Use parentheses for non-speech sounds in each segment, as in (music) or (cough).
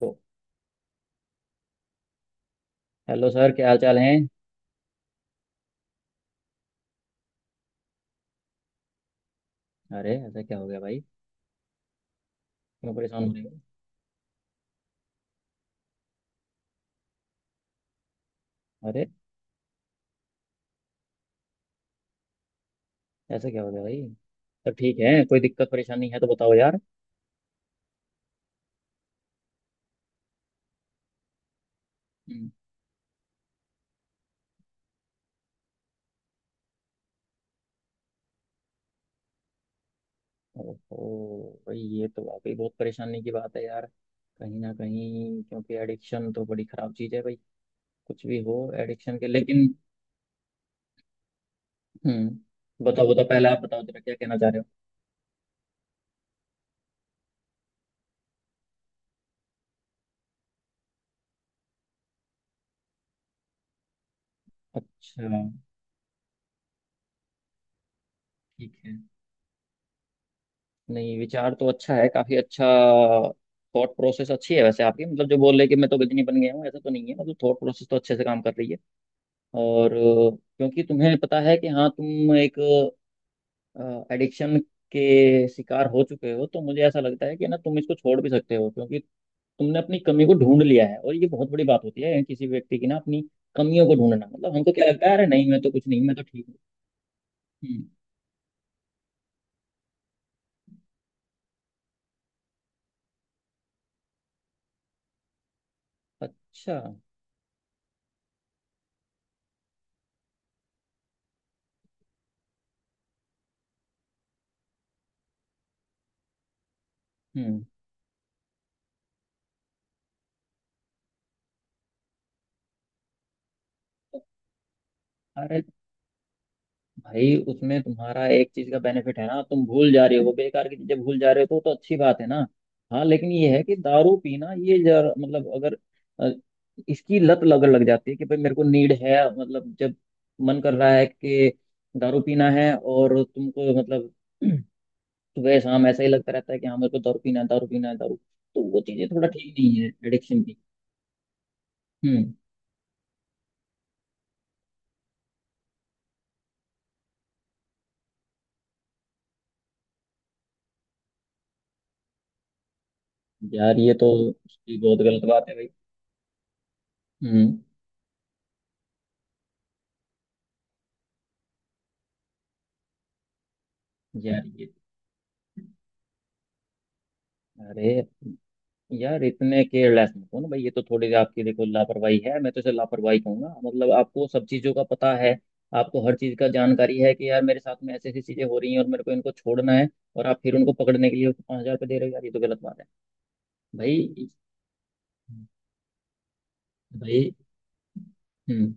तो, hello sir, क्या हाल चाल है। अरे, ऐसा क्या हो गया भाई? क्यों परेशान हो रहे हो? अरे, ऐसा क्या हो गया भाई? सब ठीक है? कोई दिक्कत परेशानी है तो बताओ यार। हम्म। ओहो भाई, ये तो वाकई बहुत परेशानी की बात है यार। कहीं ना कहीं, क्योंकि एडिक्शन तो बड़ी खराब चीज है भाई। कुछ भी हो, एडिक्शन के लेकिन। हम्म, बताओ बताओ, पहले आप बताओ जरा, क्या कहना चाह रहे हो। अच्छा। ठीक है। नहीं, विचार तो अच्छा है, काफी अच्छा। थॉट प्रोसेस अच्छी है वैसे आपकी। मतलब जो बोल रहे कि मैं तो गजनी बन गया हूँ, ऐसा तो नहीं है। मतलब थॉट प्रोसेस तो अच्छे से काम कर रही है। और क्योंकि तुम्हें पता है कि हाँ, तुम एक एडिक्शन के शिकार हो चुके हो, तो मुझे ऐसा लगता है कि ना, तुम इसको छोड़ भी सकते हो, क्योंकि तुमने अपनी कमी को ढूंढ लिया है। और ये बहुत बड़ी बात होती है किसी व्यक्ति की ना, अपनी कमियों को ढूंढना। मतलब हमको क्या लगता है, अरे नहीं, मैं तो कुछ नहीं, मैं तो ठीक हूँ। हम्म। अच्छा। हम्म। अरे भाई, उसमें तुम्हारा एक चीज का बेनिफिट है ना, तुम भूल जा रहे हो, बेकार की चीजें भूल जा रहे हो, तो अच्छी बात है ना। हाँ, लेकिन ये है कि दारू पीना ये मतलब अगर अ, इसकी लत लग लग जाती है कि भाई मेरे को नीड है। मतलब जब मन कर रहा है कि दारू पीना है और तुमको मतलब (clears throat) सुबह शाम ऐसा ही लगता रहता है कि हाँ मेरे को दारू पीना है, दारू पीना है, दारू, तो वो चीजें थोड़ा ठीक नहीं है एडिक्शन की। हम्म। यार ये तो उसकी बहुत गलत बात है भाई। हम्म। यार ये अरे यार, इतने केयरलेस मत हो ना भाई। ये तो थोड़ी सी आपकी, देखो, लापरवाही है, मैं तो इसे लापरवाही कहूंगा। मतलब आपको सब चीज़ों का पता है, आपको हर चीज़ का जानकारी है कि यार मेरे साथ में ऐसी ऐसी चीज़ें हो रही हैं और मेरे को इनको छोड़ना है। और आप फिर उनको पकड़ने के लिए उसको 5,000 रुपये दे रहे हो। यार ये तो गलत बात है। भाई। भाई। हम्म।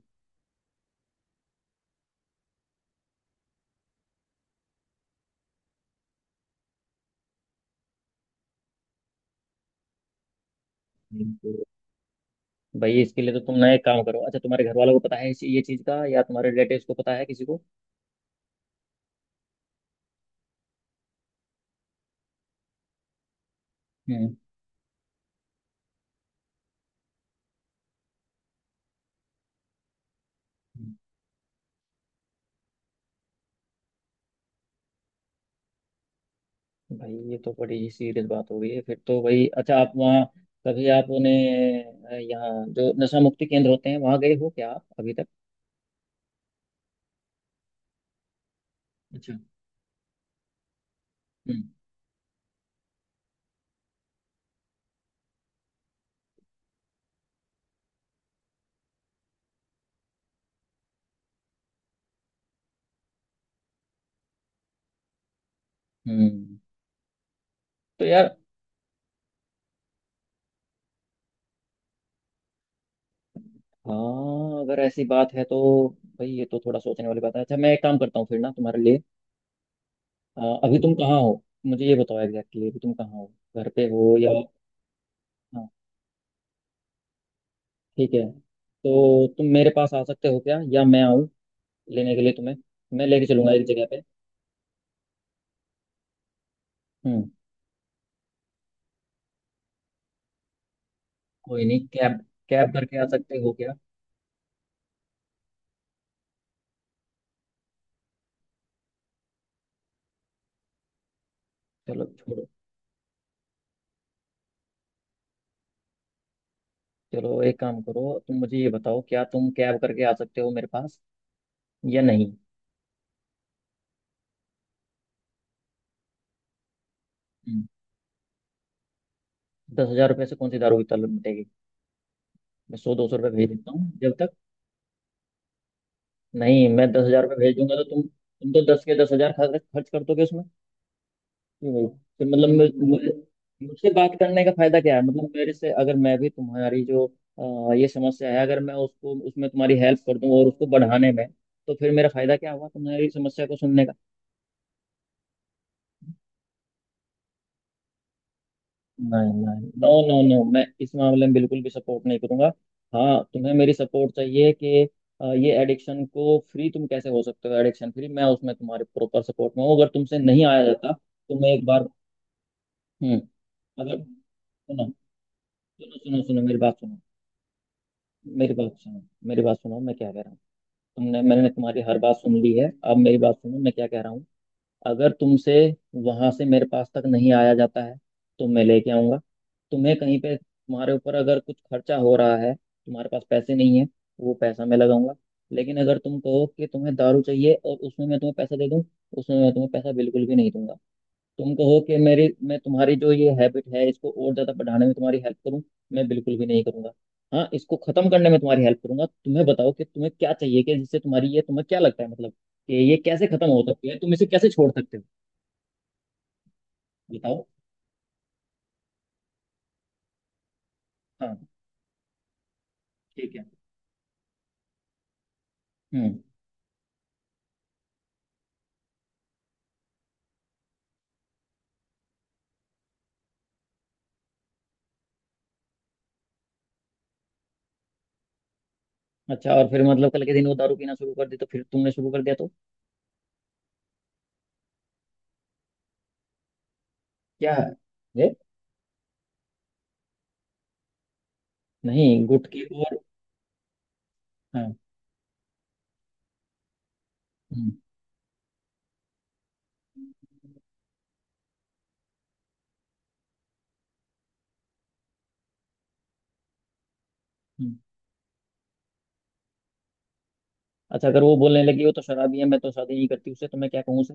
भाई इसके लिए तो तुम ना एक काम करो। अच्छा, तुम्हारे घर वालों को पता है ये चीज़ का, या तुम्हारे रिलेटिव्स को पता है, किसी को? हम्म। भाई ये तो बड़ी ही सीरियस बात हो गई है फिर तो भाई। अच्छा, आप वहाँ कभी आपने यहाँ जो नशा मुक्ति केंद्र होते हैं, वहाँ गए हो क्या आप अभी तक? अच्छा। हम्म। हम्म, तो यार, हाँ, अगर ऐसी बात है तो भाई ये तो थोड़ा सोचने वाली बात है। अच्छा, मैं एक काम करता हूँ फिर ना तुम्हारे लिए। अभी तुम कहाँ हो, मुझे ये बताओ एग्जैक्टली, अभी तुम कहाँ हो, घर पे हो या? हाँ, ठीक है। तो तुम मेरे पास आ सकते हो क्या, या मैं आऊँ लेने के लिए तुम्हें? मैं लेके चलूंगा एक जगह पे। हम्म। कोई नहीं, कैब, कैब करके आ सकते हो क्या? चलो छोड़ो। चलो एक काम करो, तुम मुझे ये बताओ, क्या तुम कैब करके आ सकते हो मेरे पास या नहीं? हम्म। 10,000 रुपये से कौन सी दारू की तलब मिटेगी? मैं सौ दो सौ रुपये भेज देता हूँ जब तक। नहीं, मैं 10,000 रुपये भेज दूंगा तो तुम तो दस के दस हजार खर्च खर्च कर दोगे उसमें। क्यों भाई? फिर मतलब मैं- मुझे मुझसे बात करने का फायदा क्या है? मतलब मेरे से, अगर मैं भी तुम्हारी जो ये समस्या है, अगर मैं उसको उसमें तुम्हारी हेल्प कर दूं और उसको बढ़ाने में, तो फिर मेरा फायदा क्या हुआ तुम्हारी समस्या को सुनने? नहीं नहीं, नो नो नो, मैं इस मामले में बिल्कुल भी सपोर्ट नहीं करूंगा। हाँ, तुम्हें मेरी सपोर्ट चाहिए कि ये एडिक्शन को फ्री तुम कैसे हो सकते हो। एडिक्शन फ्री, मैं उसमें तुम्हारे प्रॉपर सपोर्ट में हूँ। अगर तुमसे नहीं आया जाता तो मैं एक बार। हम्म। अगर सुनो सुनो सुनो सुनो, मेरी बात सुनो। मेरी बात सुनो। मेरी बात सुनो, मैं क्या कह रहा हूँ। तुमने मैंने तुम्हारी हर बात सुन ली है, अब मेरी बात सुनो, मैं क्या कह रहा हूँ। अगर तुमसे वहां से मेरे पास तक नहीं आया जाता है, तो मैं लेके आऊंगा तुम्हें। कहीं पे तुम्हारे ऊपर अगर कुछ खर्चा हो रहा है, तुम्हारे पास पैसे नहीं है, वो पैसा मैं लगाऊंगा। लेकिन अगर तुम कहो कि तुम्हें दारू चाहिए और उसमें मैं तुम्हें पैसा दे दूं, उसमें मैं तुम्हें पैसा बिल्कुल भी नहीं दूंगा। तुम कहो कि मेरी मैं तुम्हारी जो ये हैबिट है इसको और ज्यादा बढ़ाने में तुम्हारी हेल्प करूं, मैं बिल्कुल भी नहीं करूंगा। हाँ, इसको खत्म करने में तुम्हारी हेल्प करूंगा। तुम्हें बताओ कि तुम्हें क्या चाहिए कि जिससे तुम्हारी ये तुम्हें क्या लगता है, मतलब कि ये कैसे खत्म हो सकती है, तुम इसे कैसे छोड़ सकते हो? बताओ। हाँ, ठीक है। हम्म। अच्छा, और फिर मतलब कल के दिन वो दारू पीना शुरू कर दी तो फिर तुमने शुरू कर दिया तो? क्या है ये? नहीं, गुटखी और। हाँ। हम्म। हम्म। अच्छा, अगर वो बोलने लगी हो तो, शराबी है मैं तो शादी नहीं करती उससे, तो मैं क्या कहूँ उसे?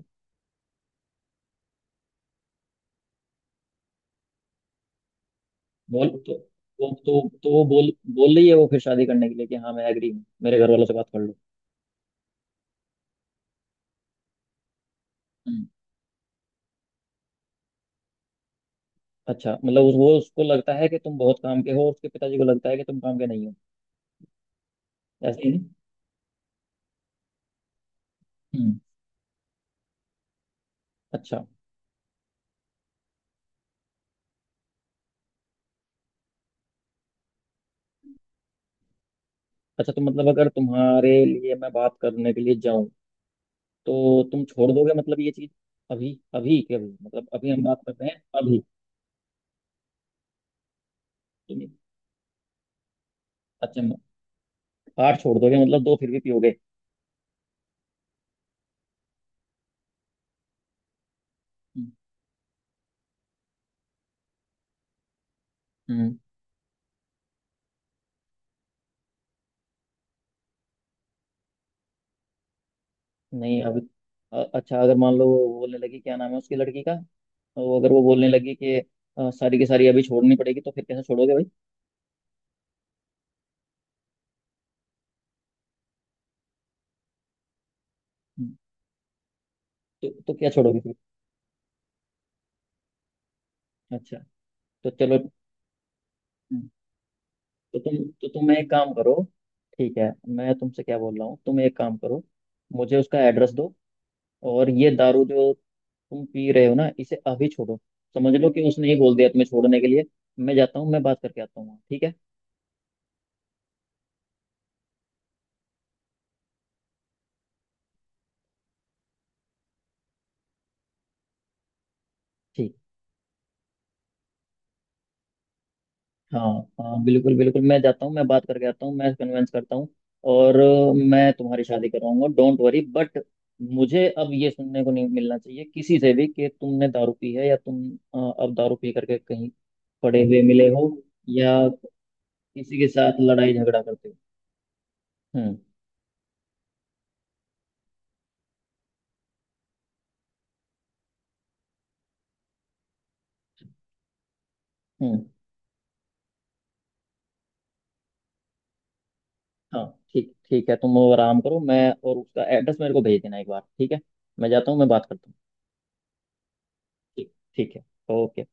बोल तो वो बोल बोल रही है, वो फिर शादी करने के लिए, कि हाँ मैं एग्री हूँ, मेरे घर वालों से बात कर लो। हम्म। अच्छा, मतलब उस, वो उसको लगता है कि तुम बहुत काम के हो, उसके पिताजी को लगता है कि तुम काम के नहीं हो? ऐसे ही ना? हम्म। अच्छा। अच्छा, तो मतलब अगर तुम्हारे लिए मैं बात करने के लिए जाऊँ, तो तुम छोड़ दोगे मतलब ये चीज? अभी, अभी के अभी, मतलब अभी हम बात कर रहे हैं, अभी? तुम। अच्छा, आठ छोड़ दोगे मतलब दो फिर भी पियोगे? हम्म, हम्म, नहीं अभी। अच्छा, अगर मान लो वो बोलने लगी, क्या नाम है उसकी लड़की का? वो, अगर वो बोलने लगी कि सारी की सारी अभी छोड़नी पड़ेगी, तो फिर कैसे छोड़ोगे भाई? हम्म, तो क्या छोड़ोगे फिर? अच्छा। तो चलो। हम्म, तो तुम तो तुम एक काम करो। ठीक है, मैं तुमसे क्या बोल रहा हूँ, तुम एक काम करो। मुझे उसका एड्रेस दो, और ये दारू जो तुम पी रहे हो ना, इसे अभी छोड़ो। समझ लो कि उसने ही बोल दिया तुम्हें छोड़ने के लिए। मैं जाता हूँ, मैं बात करके आता हूँ, ठीक है। ठीक। हाँ हाँ, बिल्कुल बिल्कुल, मैं जाता हूँ, मैं बात करके आता हूँ, मैं कन्वेंस करता हूँ। और मैं तुम्हारी शादी करवाऊंगा, डोंट वरी। बट मुझे अब ये सुनने को नहीं मिलना चाहिए किसी से भी कि तुमने दारू पी है, या तुम अब दारू पी करके कहीं पड़े हुए मिले हो, या किसी के साथ लड़ाई झगड़ा करते हो। हम्म। हम्म। हाँ। ठीक ठीक है, तुम वो आराम करो। मैं और उसका एड्रेस मेरे को भेज देना एक बार, ठीक है। मैं जाता हूँ, मैं बात करता हूँ। ठीक ठीक है। ओके।